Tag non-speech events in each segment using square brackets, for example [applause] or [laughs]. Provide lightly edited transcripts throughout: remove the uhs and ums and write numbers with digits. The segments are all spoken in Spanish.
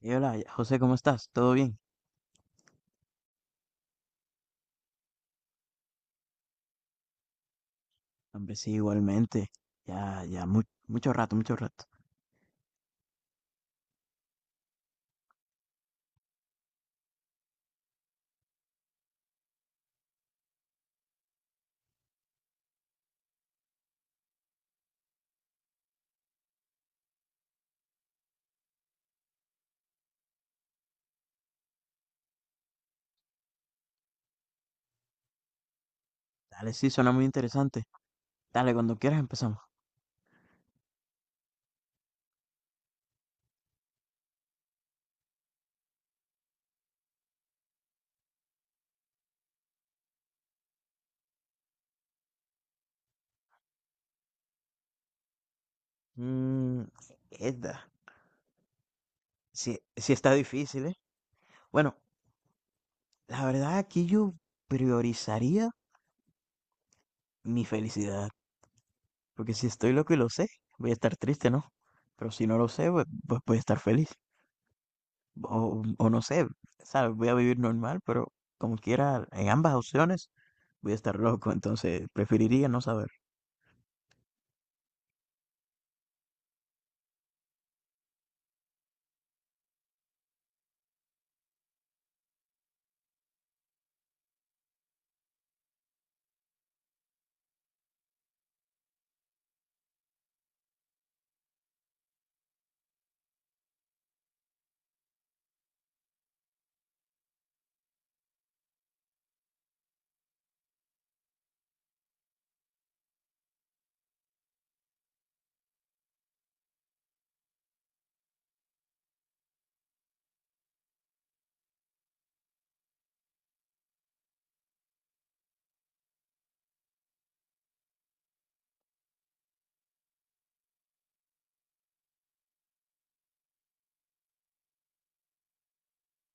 Y hola, José, ¿cómo estás? ¿Todo bien? Hombre, sí, igualmente. Ya, ya, mucho rato, mucho rato. Dale, sí, suena muy interesante. Dale, cuando quieras empezamos. Mmm, esta. Sí, sí está difícil, ¿eh? Bueno, la verdad aquí yo priorizaría mi felicidad. Porque si estoy loco y lo sé, voy a estar triste, ¿no? Pero si no lo sé, pues voy a estar feliz. O no sé, ¿sabes? Voy a vivir normal, pero como quiera, en ambas opciones voy a estar loco, entonces preferiría no saber.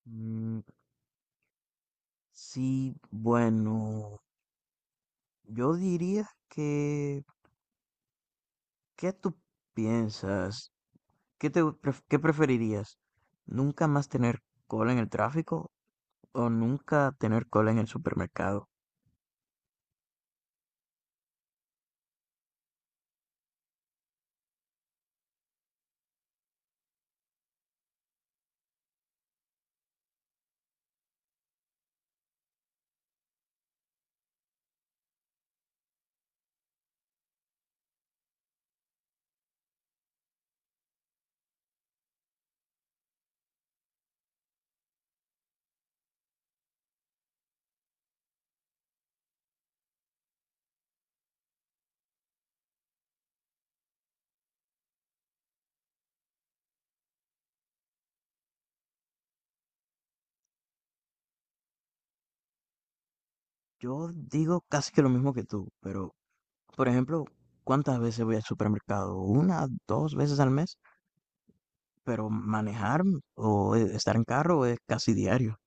Mm, sí, bueno, yo diría que, ¿qué tú piensas? ¿Qué te qué preferirías? ¿Nunca más tener cola en el tráfico o nunca tener cola en el supermercado? Yo digo casi que lo mismo que tú, pero, por ejemplo, ¿cuántas veces voy al supermercado? Una, dos veces al mes, pero manejar o estar en carro es casi diario,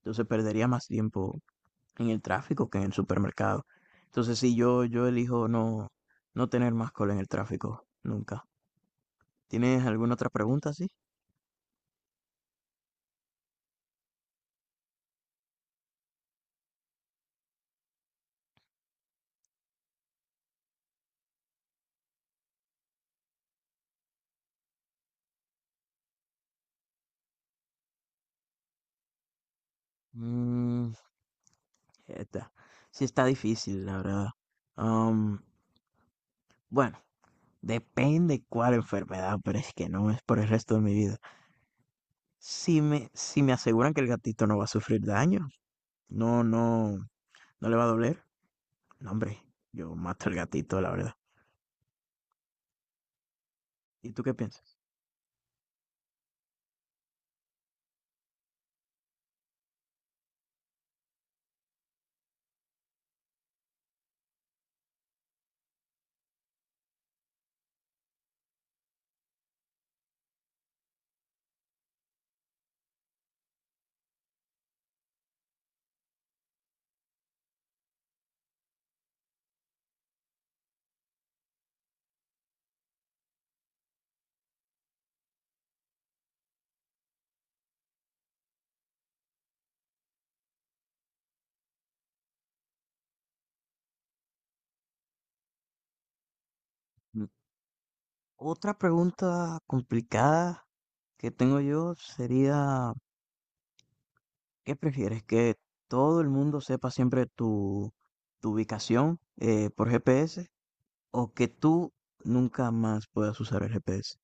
entonces perdería más tiempo en el tráfico que en el supermercado. Entonces sí, yo elijo no, no tener más cola en el tráfico, nunca. ¿Tienes alguna otra pregunta, sí? Mm, esta. Sí está difícil, la verdad. Am, bueno, depende cuál enfermedad, pero es que no es por el resto de mi vida. Si me aseguran que el gatito no va a sufrir daño, no, no, no le va a doler, no, hombre, yo mato al gatito, la verdad. ¿Y tú qué piensas? Otra pregunta complicada que tengo yo sería, ¿qué prefieres? ¿Que todo el mundo sepa siempre tu, tu ubicación por GPS o que tú nunca más puedas usar el GPS?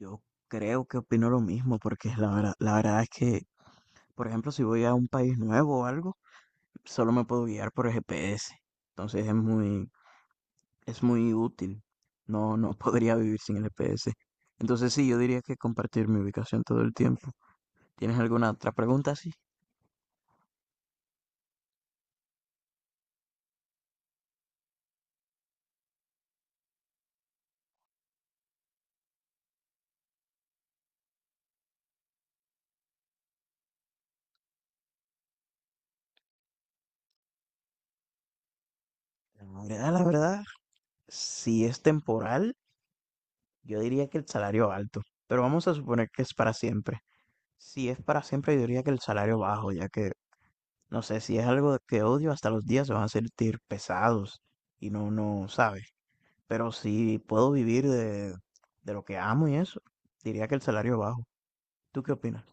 Yo creo que opino lo mismo porque la verdad es que, por ejemplo, si voy a un país nuevo o algo, solo me puedo guiar por el GPS. Entonces es muy, es muy útil. No, no [laughs] podría vivir sin el GPS. Entonces sí, yo diría que compartir mi ubicación todo el tiempo. ¿Tienes alguna otra pregunta? Sí. La verdad, si es temporal, yo diría que el salario alto, pero vamos a suponer que es para siempre. Si es para siempre, yo diría que el salario bajo, ya que, no sé, si es algo que odio, hasta los días se van a sentir pesados y no, no, sabe. Pero si puedo vivir de lo que amo y eso, diría que el salario bajo. ¿Tú qué opinas?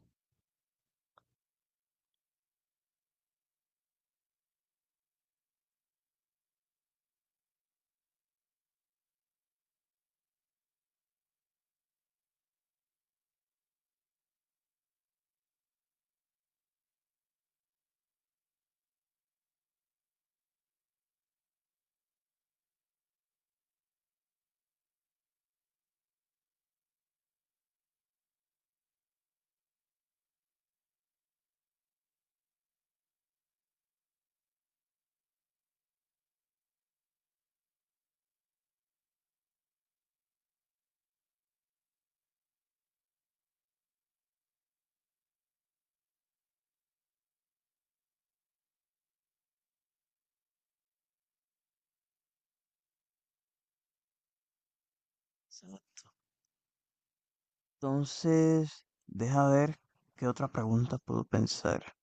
Entonces, deja ver qué otra pregunta puedo pensar.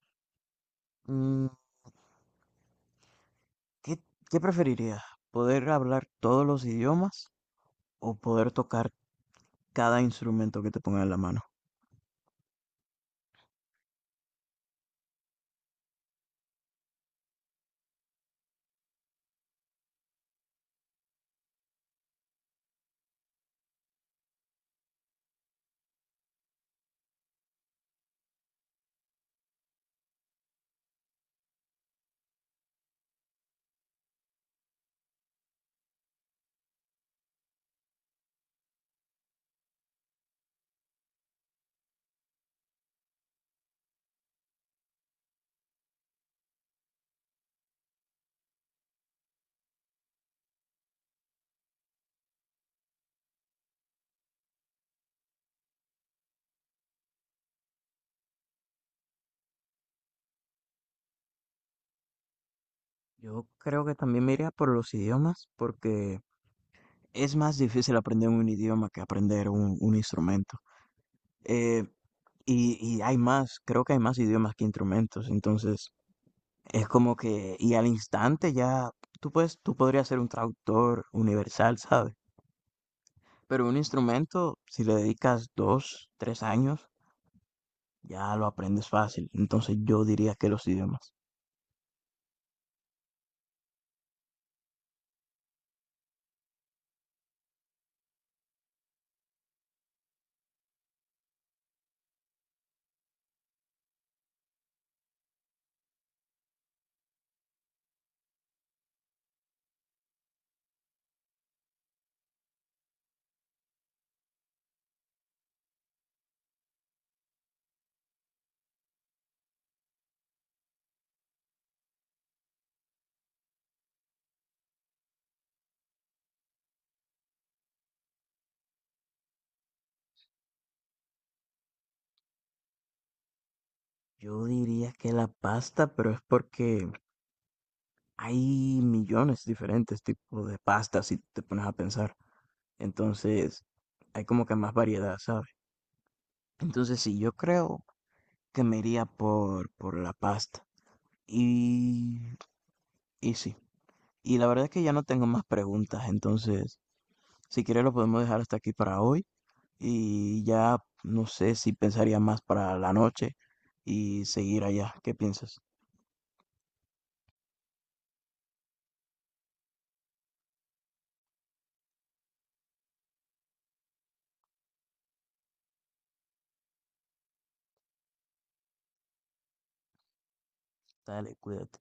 Mm, ¿Qué, qué preferirías? ¿Poder hablar todos los idiomas o poder tocar cada instrumento que te ponga en la mano? Yo creo que también me iría por los idiomas porque es más difícil aprender un idioma que aprender un instrumento. Eh, y hay más, creo que hay más idiomas que instrumentos. Entonces, es como que, y al instante ya, tú puedes, tú podrías ser un traductor universal, ¿sabes? Pero un instrumento, si le dedicas dos, tres años, ya lo aprendes fácil. Entonces yo diría que los idiomas. Yo diría que la pasta, pero es porque hay millones diferentes tipos de pastas si te pones a pensar. Entonces, hay como que más variedad, ¿sabes? Entonces, sí, yo creo que me iría por la pasta. Y, y sí, y la verdad es que ya no tengo más preguntas, entonces, si quieres lo podemos dejar hasta aquí para hoy y ya no sé si pensaría más para la noche y seguir allá. ¿Qué piensas? Dale, cuídate.